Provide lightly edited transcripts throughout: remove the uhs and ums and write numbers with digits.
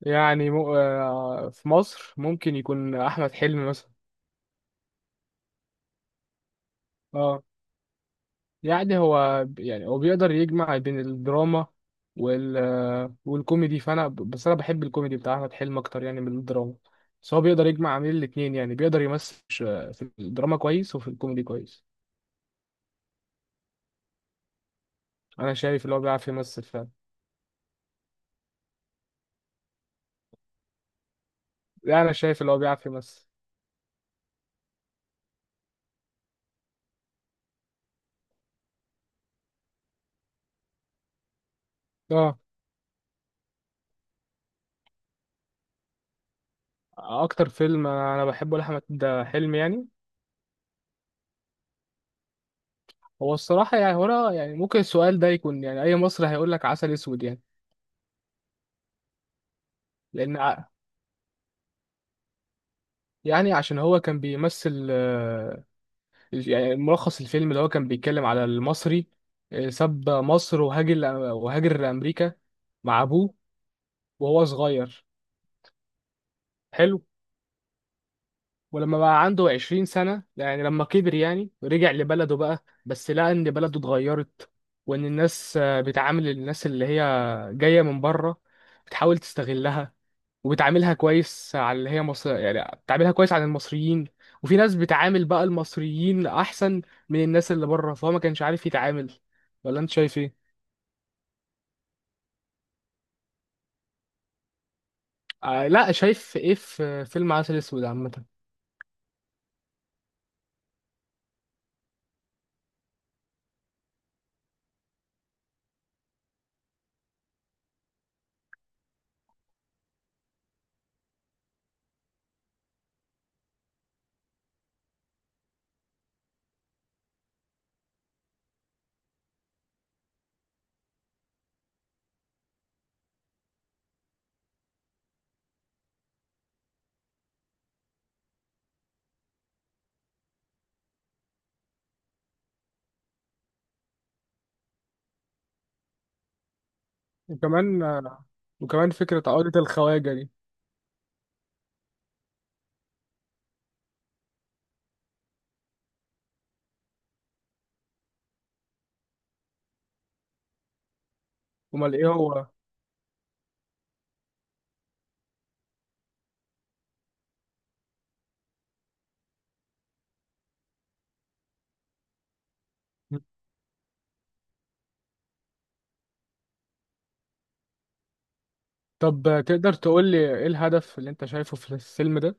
يعني مو... آه، في مصر ممكن يكون احمد حلمي مثلا. اه، يعني هو بيقدر يجمع بين الدراما وال آه، والكوميدي، بس انا بحب الكوميدي بتاع احمد حلمي اكتر يعني من الدراما. بس هو بيقدر يجمع بين الاتنين، يعني بيقدر يمثل في الدراما كويس وفي الكوميدي كويس. انا شايف اللي هو بيعرف يمثل فعلا. يعني انا شايف اللي هو بيعرف يمثل. اه، اكتر فيلم انا بحبه لاحمد حلمي يعني، هو الصراحة يعني هنا يعني ممكن السؤال ده يكون، يعني أي مصري هيقول لك عسل أسود يعني. لان ع- يعني عشان هو كان بيمثل يعني ملخص الفيلم اللي هو كان بيتكلم على المصري ساب مصر وهاجر لأمريكا مع أبوه وهو صغير حلو. ولما بقى عنده 20 سنة، يعني لما كبر يعني، رجع لبلده بقى، بس لقى إن بلده اتغيرت، وإن الناس بتعامل الناس اللي هي جاية من بره، بتحاول تستغلها وبتعاملها كويس على اللي هي مصر، يعني بتعاملها كويس على المصريين. وفي ناس بتعامل بقى المصريين احسن من الناس اللي بره، فهو ما كانش عارف يتعامل. ولا انت شايف ايه؟ آه لا، شايف ايه في فيلم عسل اسود عامه؟ وكمان وكمان فكره عقده الخواجه دي. امال ايه هو؟ طب تقدر تقول لي ايه الهدف اللي انت شايفه في الفيلم ده؟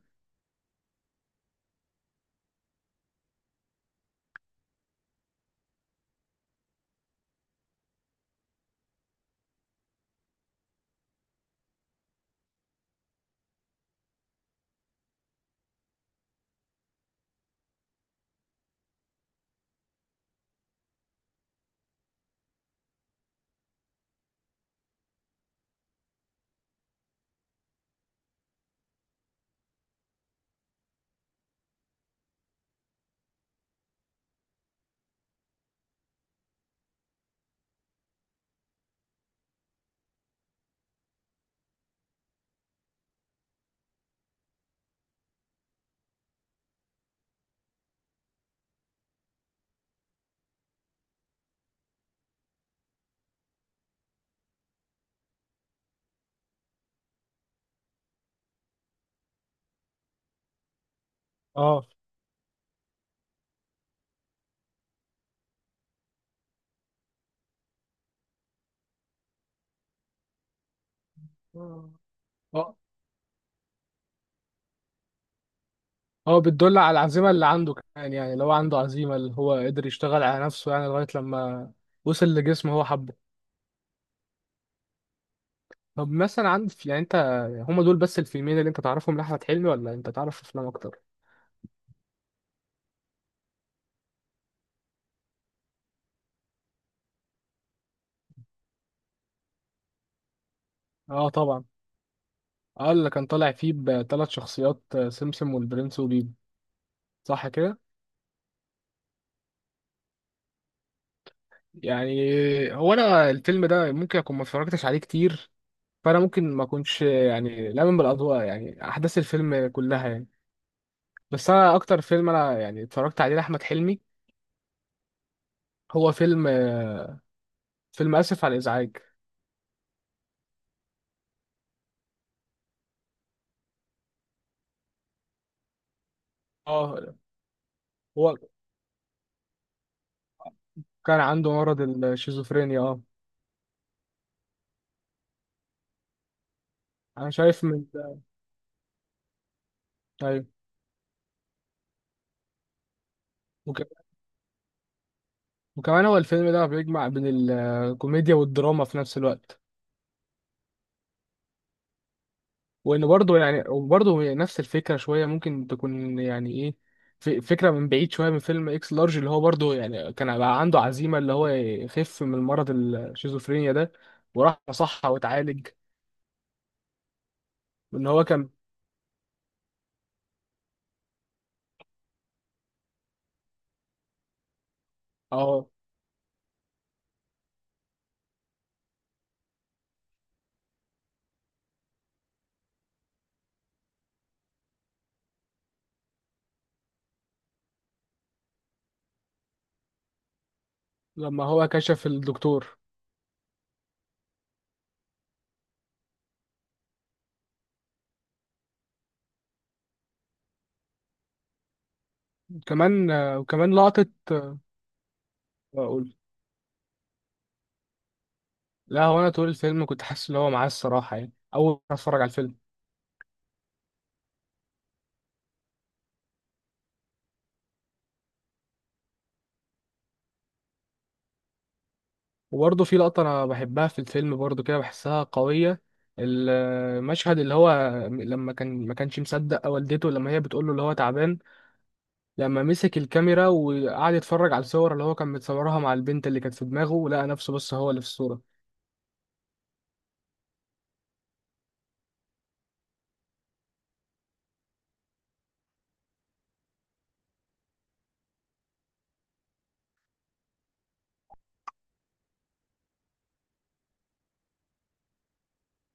اه. اه، هو بتدل على العزيمه اللي عنده كمان، يعني لو عنده عزيمه اللي هو قدر يشتغل على نفسه يعني لغايه لما وصل لجسم هو حبه. طب مثلا عندك يعني انت، هما دول بس الفيلمين اللي انت تعرفهم لاحمد حلمي، ولا انت تعرف افلام اكتر؟ اه طبعا، اه اللي كان طالع فيه بثلاث شخصيات، سمسم والبرنس وبيبو. صح كده؟ يعني هو، انا الفيلم ده ممكن اكون ما اتفرجتش عليه كتير، فانا ممكن ما اكونش يعني لامن بالاضواء يعني احداث الفيلم كلها يعني. بس انا اكتر فيلم انا يعني اتفرجت عليه لاحمد حلمي هو فيلم فيلم اسف على الازعاج. اه، هو كان عنده مرض الشيزوفرينيا، اه. انا شايف من، ايوه. وكمان هو الفيلم ده بيجمع بين الكوميديا والدراما في نفس الوقت. وان برضه، يعني وبرضه هي نفس الفكره شويه ممكن تكون يعني ايه، فكره من بعيد شويه من فيلم اكس لارج، اللي هو برضه يعني كان بقى عنده عزيمه اللي هو يخف من مرض الشيزوفرينيا ده، وراح صح واتعالج. ان هو كان، اه. لما هو كشف الدكتور. كمان وكمان لقطه اقول، لا هو انا طول الفيلم كنت حاسس ان هو معاه الصراحه، يعني اول ما اتفرج على الفيلم. وبرضه في لقطة أنا بحبها في الفيلم برضه، كده بحسها قوية، المشهد اللي هو لما كان ما كانش مصدق والدته لما هي بتقول له اللي هو تعبان، لما مسك الكاميرا وقعد يتفرج على الصور اللي هو كان متصورها مع البنت اللي كانت في دماغه، ولقى نفسه بس هو اللي في الصورة.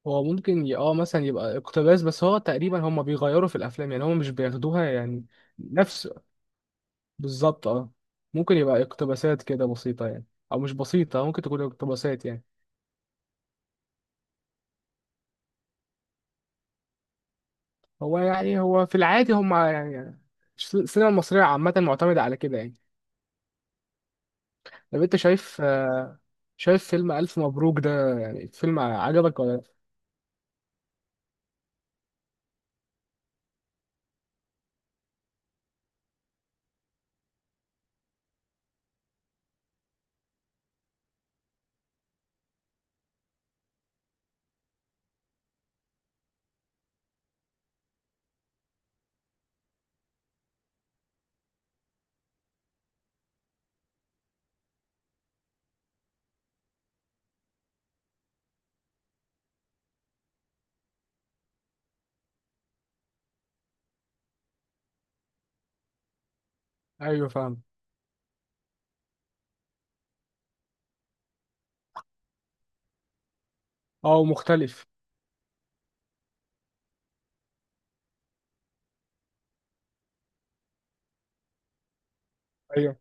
هو ممكن اه مثلا يبقى اقتباس، بس هو تقريبا هما بيغيروا في الأفلام، يعني هما مش بياخدوها يعني نفس. بالظبط اه. ممكن يبقى اقتباسات كده بسيطة يعني، أو مش بسيطة، ممكن تكون اقتباسات يعني. هو يعني، هو في العادي هم يعني، السينما المصرية عامة معتمدة على كده يعني. طب انت شايف شايف فيلم ألف مبروك ده، يعني فيلم عجبك ولا لأ؟ أيوه فاهم، اه مختلف. أيوه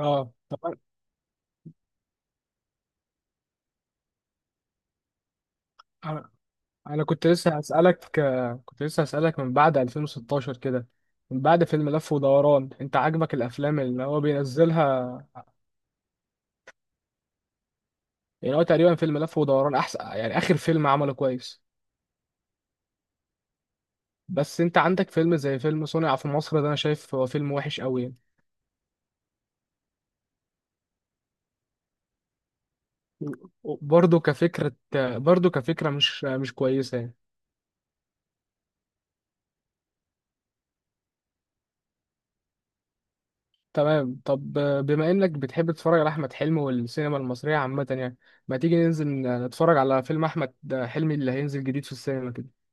اه. طب أنا، أنا أنا كنت لسه هسألك كنت لسه هسألك من بعد 2016 كده، من بعد فيلم لف ودوران انت عاجبك الأفلام اللي هو بينزلها؟ يعني هو تقريبا فيلم لف ودوران أحسن يعني آخر فيلم عمله كويس. بس انت عندك فيلم زي فيلم صنع في مصر ده، انا شايف هو فيلم وحش قوي. برضه كفكرة، برضه كفكرة مش كويسة يعني. تمام، طب بما إنك بتحب تتفرج على أحمد حلمي والسينما المصرية عامة يعني، ما تيجي ننزل نتفرج على فيلم أحمد حلمي اللي هينزل جديد في السينما كده؟